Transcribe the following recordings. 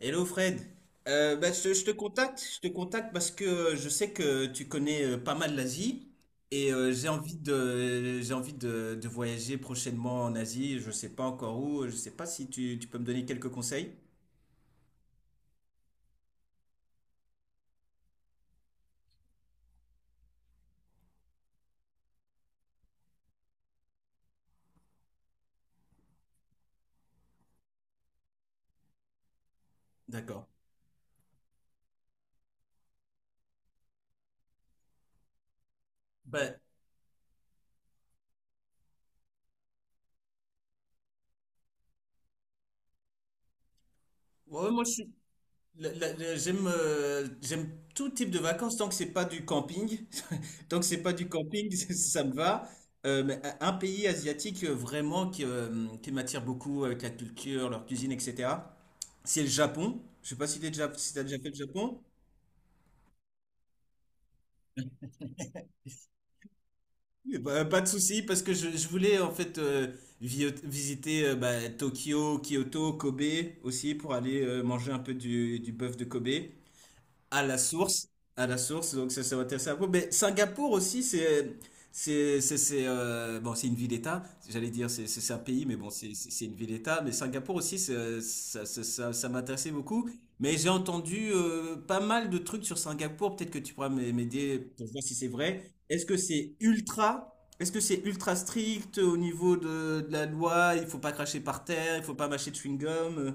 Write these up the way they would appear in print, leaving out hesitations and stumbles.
Hello Fred. Bah, je te contacte parce que je sais que tu connais pas mal l'Asie et j'ai envie de voyager prochainement en Asie. Je sais pas encore où, je sais pas si tu peux me donner quelques conseils. D'accord. Bah, ouais, moi je suis, la- la- la- j'aime, j'aime tout type de vacances tant que c'est pas du camping, tant que c'est pas du camping, ça me va. Mais un pays asiatique vraiment qui m'attire beaucoup avec la culture, leur cuisine, etc. C'est le Japon. Je sais pas si t'es déjà, si t'as déjà fait le Japon. Mais bah, pas de souci, parce que je voulais en fait visiter bah, Tokyo, Kyoto, Kobe aussi pour aller manger un peu du bœuf de Kobe. À la source, à la source, donc ça va intéresser un peu. Mais Singapour aussi, bon, c'est une ville d'État. J'allais dire, c'est un pays, mais bon, c'est une ville d'État. Mais Singapour aussi, ça m'intéressait beaucoup. Mais j'ai entendu pas mal de trucs sur Singapour. Peut-être que tu pourras m'aider pour voir si c'est vrai. Est-ce que c'est ultra strict au niveau de la loi? Il faut pas cracher par terre, il faut pas mâcher de chewing-gum.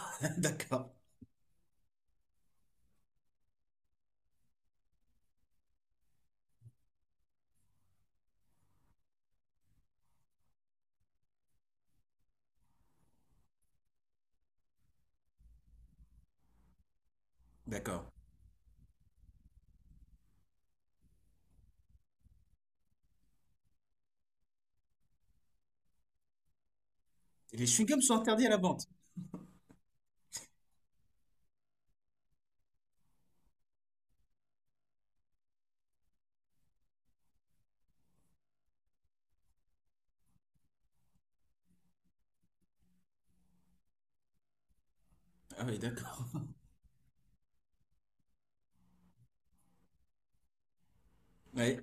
D'accord, d'accord. Les chewing-gums sont interdits à la vente. Ah oui, d'accord. Ouais.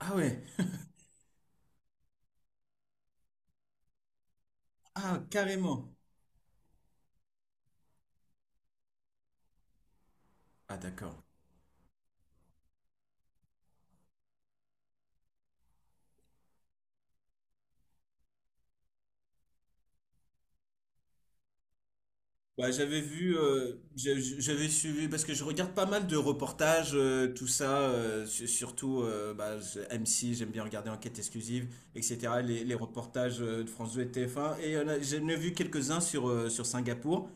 Ah ouais. Ah, carrément. Ah d'accord. Bah, j'avais vu, j'avais suivi, parce que je regarde pas mal de reportages, surtout M6, j'aime bien regarder Enquête exclusive, etc. Les reportages de France 2 et TF1. Et là, j'en ai vu quelques-uns sur Singapour.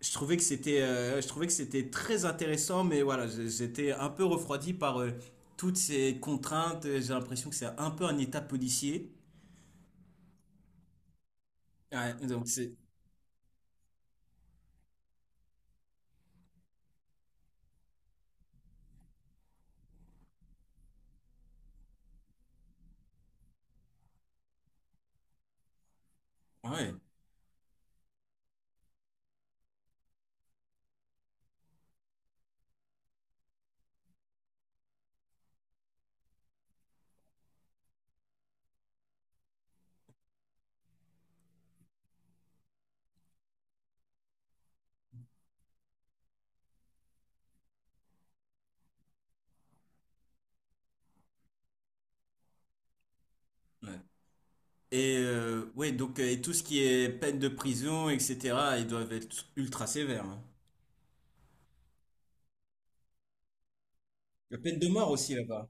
Je trouvais que c'était très intéressant, mais voilà, j'étais un peu refroidi par toutes ces contraintes. J'ai l'impression que c'est un peu un état policier. Ouais, donc c'est. Ouais. Ouais. Et ouais, donc et tout ce qui est peine de prison, etc., ils doivent être ultra sévères, hein. La peine de mort aussi là-bas.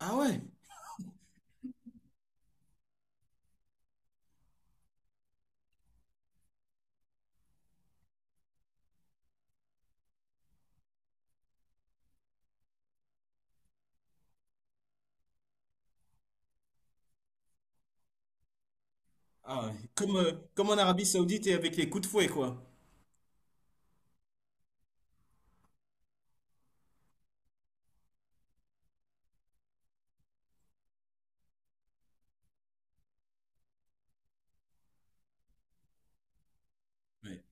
Ah ouais. Ah ouais. Comme, comme en Arabie Saoudite et avec les coups de fouet, quoi. Ouais,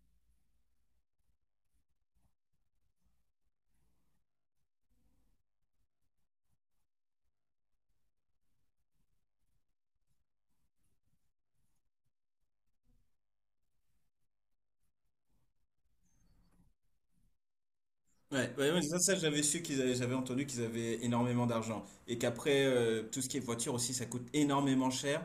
ouais, ouais, ouais, ça j'avais su qu'ils avaient, j'avais entendu qu'ils avaient énormément d'argent. Et qu'après, tout ce qui est voiture aussi, ça coûte énormément cher.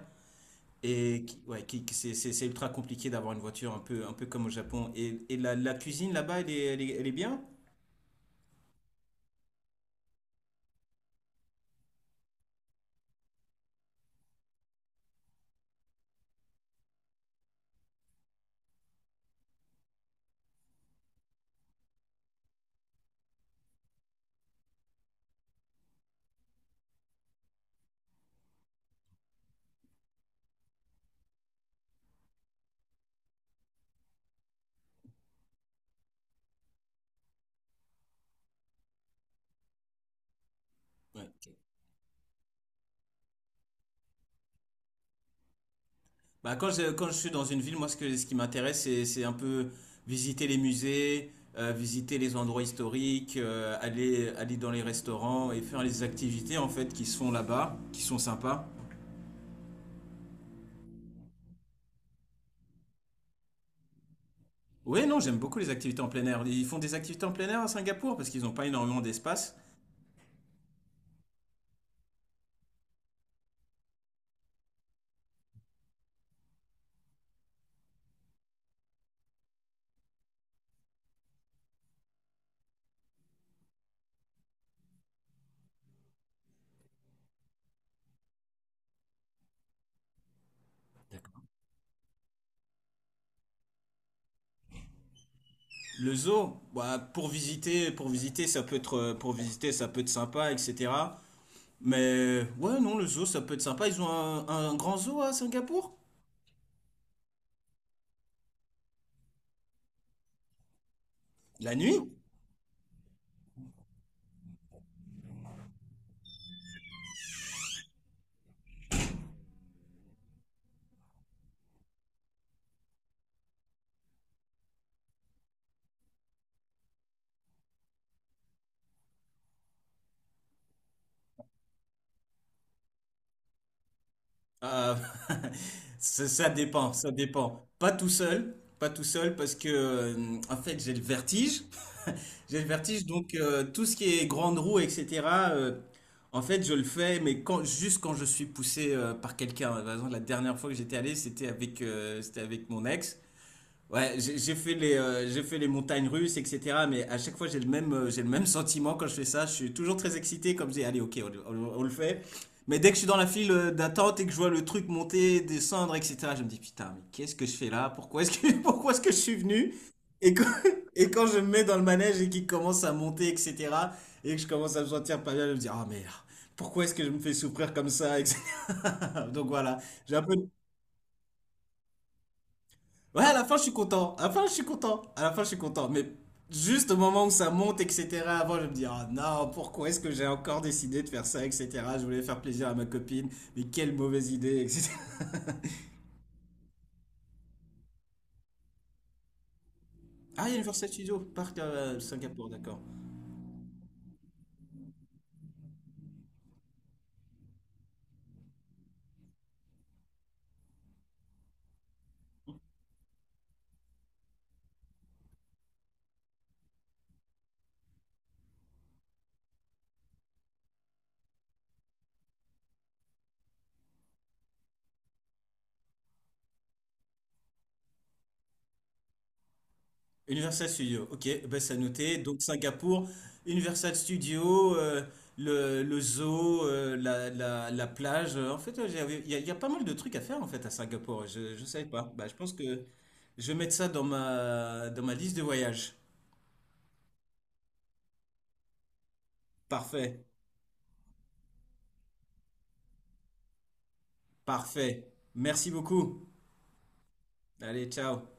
Et ouais, c'est ultra compliqué d'avoir une voiture un peu comme au Japon. Et la cuisine là-bas, elle est bien? Ouais. Bah quand quand je suis dans une ville, moi ce que, ce qui m'intéresse, c'est un peu visiter les musées, visiter les endroits historiques, aller dans les restaurants et faire les activités en fait qui se font là-bas, qui sont sympas. Ouais, non, j'aime beaucoup les activités en plein air. Ils font des activités en plein air à Singapour parce qu'ils n'ont pas énormément d'espace. D'accord. Le zoo, bah, pour visiter, ça peut pour visiter, ça peut être sympa, etc. Mais ouais, non, le zoo, ça peut être sympa. Ils ont un grand zoo à Singapour? La nuit? Ah, ça dépend, ça dépend. Pas tout seul, pas tout seul parce que en fait j'ai le vertige donc tout ce qui est grande roue etc. euh, En fait je le fais mais quand juste quand je suis poussé par quelqu'un. Par exemple, la dernière fois que j'étais allé c'était avec mon ex. Ouais, j'ai fait j'ai fait les montagnes russes, etc. Mais à chaque fois, j'ai le même sentiment quand je fais ça. Je suis toujours très excité, comme je dis, allez, ok, on le fait. Mais dès que je suis dans la file d'attente et que je vois le truc monter, descendre, etc., je me dis, putain, mais qu'est-ce que je fais là? Pourquoi est-ce que je suis venu? Et quand, et quand je me mets dans le manège et qu'il commence à monter, etc., et que je commence à me sentir pas bien, je me dis, ah merde, pourquoi est-ce que je me fais souffrir comme ça, etc. Donc voilà, j'ai un peu, ouais, à la fin, je suis content. À la fin, je suis content. À la fin, je suis content. Mais juste au moment où ça monte, etc., avant, je me dis, ah non, pourquoi est-ce que j'ai encore décidé de faire ça, etc. Je voulais faire plaisir à ma copine, mais quelle mauvaise idée, etc. Ah, Universal Studios, parc à Singapour, d'accord. Universal Studio, ok, ben c'est à noter. Donc Singapour, Universal Studio, le zoo, la plage. En fait, ouais, il y a pas mal de trucs à faire en fait à Singapour. Je ne savais pas. Bah, je pense que je vais mettre ça dans ma liste de voyage. Parfait, parfait. Merci beaucoup. Allez, ciao.